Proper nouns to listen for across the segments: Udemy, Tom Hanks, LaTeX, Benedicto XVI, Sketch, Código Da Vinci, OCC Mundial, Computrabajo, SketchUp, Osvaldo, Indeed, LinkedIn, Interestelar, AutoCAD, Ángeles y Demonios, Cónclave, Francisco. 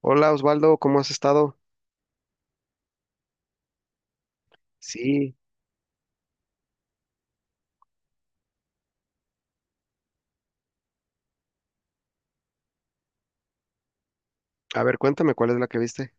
Hola Osvaldo, ¿cómo has estado? Sí, a ver, cuéntame cuál es la que viste.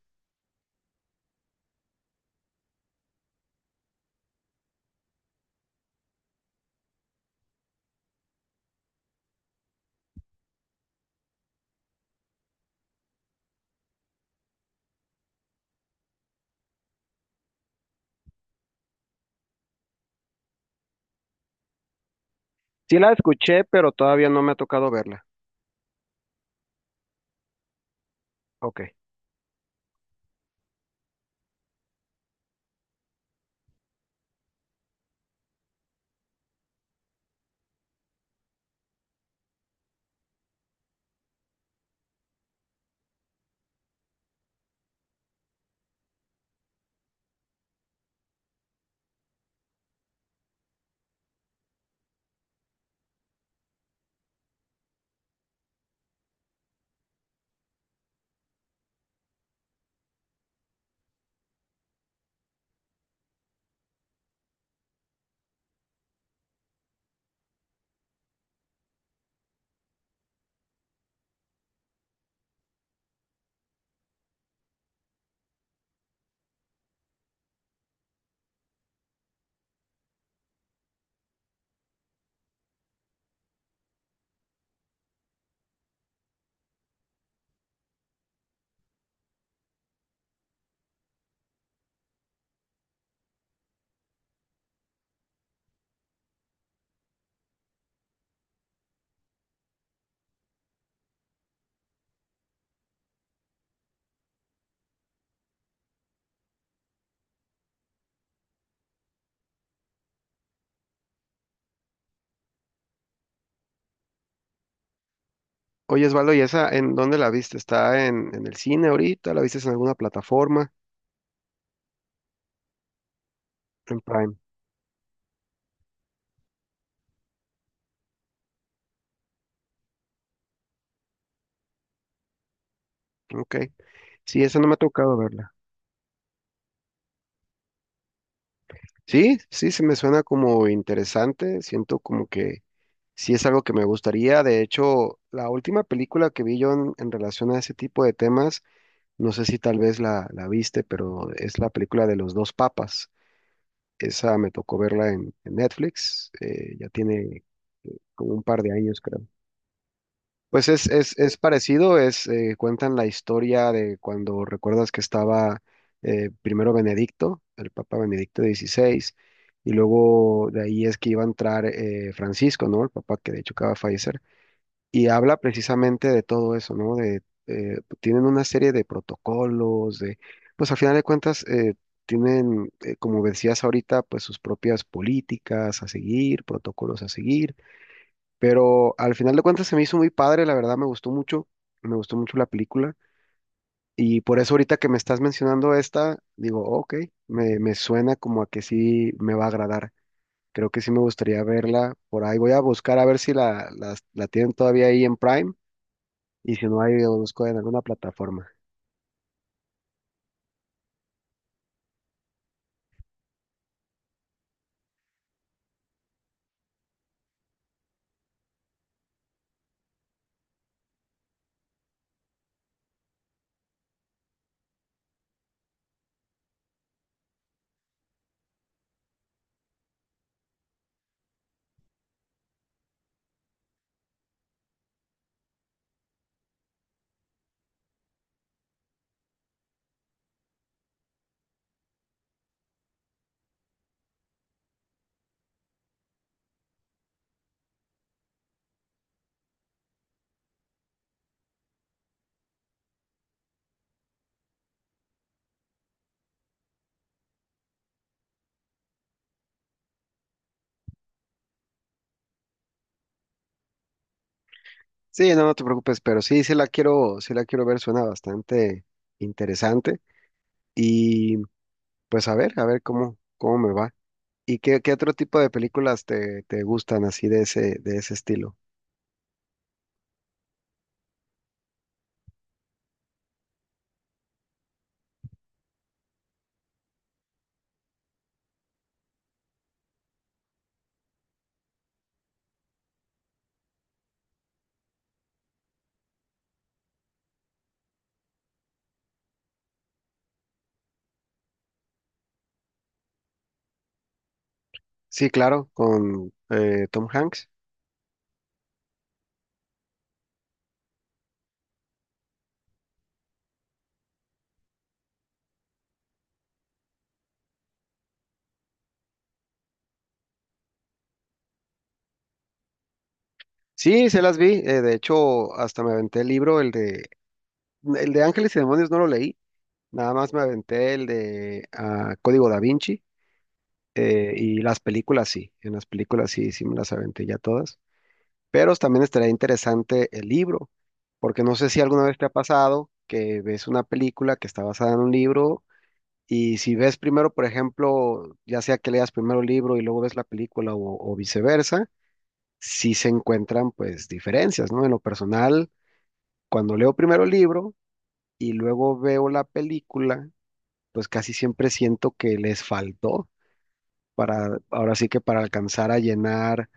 Sí la escuché, pero todavía no me ha tocado verla. Ok. Oye Osvaldo, ¿y esa en dónde la viste? ¿Está en el cine ahorita? ¿La viste en alguna plataforma? En Prime. Ok. Sí, esa no me ha tocado verla. Sí, sí, se me suena como interesante. Siento como que sí es algo que me gustaría. De hecho, la última película que vi yo en relación a ese tipo de temas, no sé si tal vez la viste, pero es la película de los dos papas. Esa me tocó verla en Netflix, ya tiene como un par de años, creo. Pues es parecido, es, cuentan la historia de cuando recuerdas que estaba primero Benedicto, el Papa Benedicto XVI, y luego de ahí es que iba a entrar Francisco, ¿no? El Papa que de hecho acaba de fallecer. Y habla precisamente de todo eso, ¿no? De, tienen una serie de protocolos, de, pues al final de cuentas, tienen, como decías ahorita, pues sus propias políticas a seguir, protocolos a seguir, pero al final de cuentas se me hizo muy padre, la verdad me gustó mucho la película, y por eso ahorita que me estás mencionando esta, digo, ok, me suena como a que sí me va a agradar. Creo que sí me gustaría verla por ahí. Voy a buscar a ver si la tienen todavía ahí en Prime y si no hay, lo busco en alguna plataforma. Sí, no, no te preocupes, pero sí, sí la quiero ver, suena bastante interesante. Y pues a ver cómo, cómo me va. ¿Y qué, qué otro tipo de películas te gustan así de ese estilo? Sí, claro, con Tom Hanks. Sí, se las vi. De hecho, hasta me aventé el libro, el de Ángeles y Demonios no lo leí. Nada más me aventé el de Código Da Vinci. Y las películas sí, en las películas sí, sí me las aventé ya todas. Pero también estaría interesante el libro, porque no sé si alguna vez te ha pasado que ves una película que está basada en un libro y si ves primero, por ejemplo, ya sea que leas primero el libro y luego ves la película o viceversa, sí se encuentran pues diferencias, ¿no? En lo personal, cuando leo primero el libro y luego veo la película, pues casi siempre siento que les faltó para, ahora sí que para alcanzar a llenar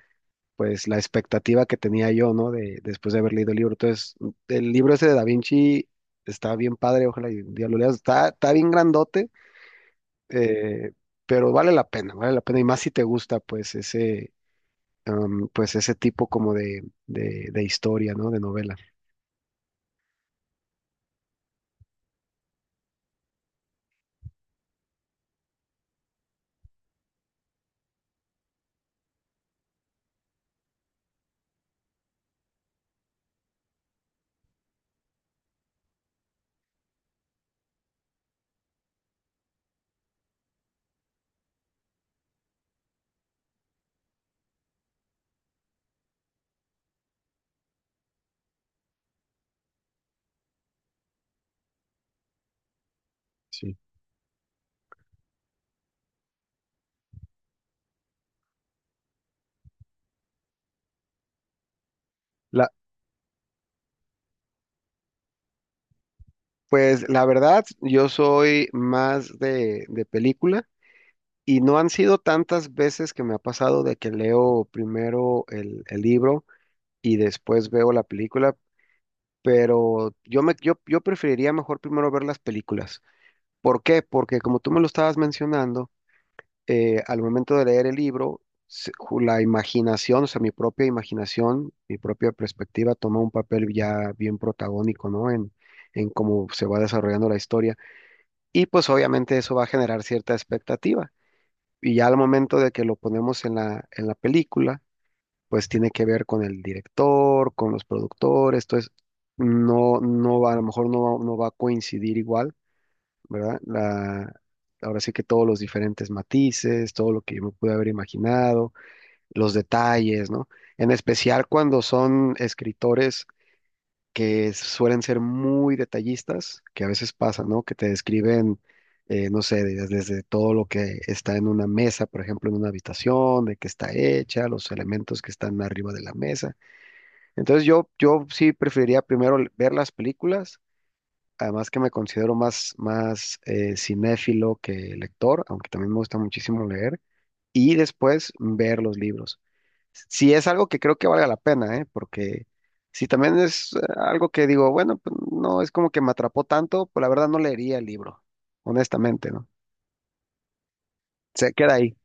pues la expectativa que tenía yo, ¿no? De, después de haber leído el libro. Entonces, el libro ese de Da Vinci está bien padre, ojalá y un día lo leas. Está, está bien grandote, eh, pero vale la pena, vale la pena. Y más si te gusta, pues, ese, pues ese tipo como de historia, ¿no? De novela. Sí. La, pues la verdad, yo soy más de película y no han sido tantas veces que me ha pasado de que leo primero el libro y después veo la película, pero yo preferiría mejor primero ver las películas. ¿Por qué? Porque como tú me lo estabas mencionando, al momento de leer el libro, la imaginación, o sea, mi propia imaginación, mi propia perspectiva toma un papel ya bien protagónico, ¿no? En cómo se va desarrollando la historia. Y pues obviamente eso va a generar cierta expectativa. Y ya al momento de que lo ponemos en la película, pues tiene que ver con el director, con los productores, entonces no, no va, a lo mejor no va a coincidir igual, ¿verdad? La, ahora sí que todos los diferentes matices, todo lo que yo me pude haber imaginado, los detalles, ¿no? En especial cuando son escritores que suelen ser muy detallistas, que a veces pasa, ¿no? Que te describen no sé, desde todo lo que está en una mesa, por ejemplo, en una habitación, de qué está hecha, los elementos que están arriba de la mesa. Entonces yo sí preferiría primero ver las películas, además que me considero más, más cinéfilo que lector, aunque también me gusta muchísimo leer, y después ver los libros. Si es algo que creo que valga la pena, ¿eh? Porque si también es algo que digo, bueno, pues no es como que me atrapó tanto, pues la verdad no leería el libro, honestamente, ¿no? Se queda ahí.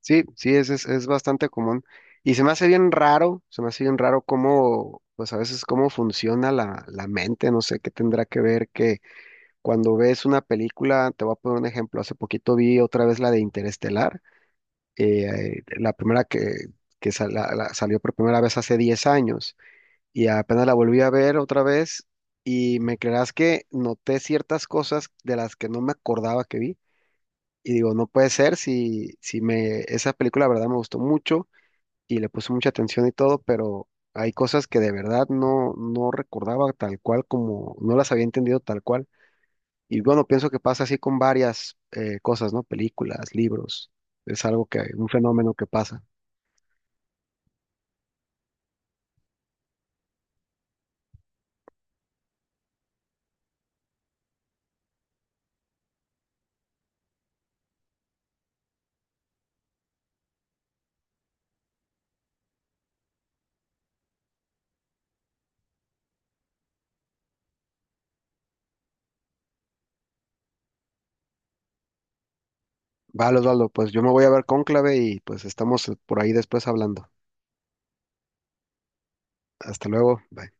Sí, sí, es bastante común. Y se me hace bien raro, se me hace bien raro cómo, pues a veces cómo funciona la, la mente, no sé qué tendrá que ver que cuando ves una película, te voy a poner un ejemplo, hace poquito vi otra vez la de Interestelar, la primera que salió por primera vez hace 10 años, y apenas la volví a ver otra vez, y me creerás que noté ciertas cosas de las que no me acordaba que vi. Y digo, no puede ser si, si me, esa película, la verdad, me gustó mucho y le puse mucha atención y todo, pero hay cosas que de verdad no, no recordaba tal cual como, no las había entendido tal cual. Y bueno, pienso que pasa así con varias cosas, ¿no? Películas, libros, es algo que, un fenómeno que pasa. Vale, Osvaldo, pues yo me voy a ver Cónclave y pues estamos por ahí después hablando. Hasta luego. Bye.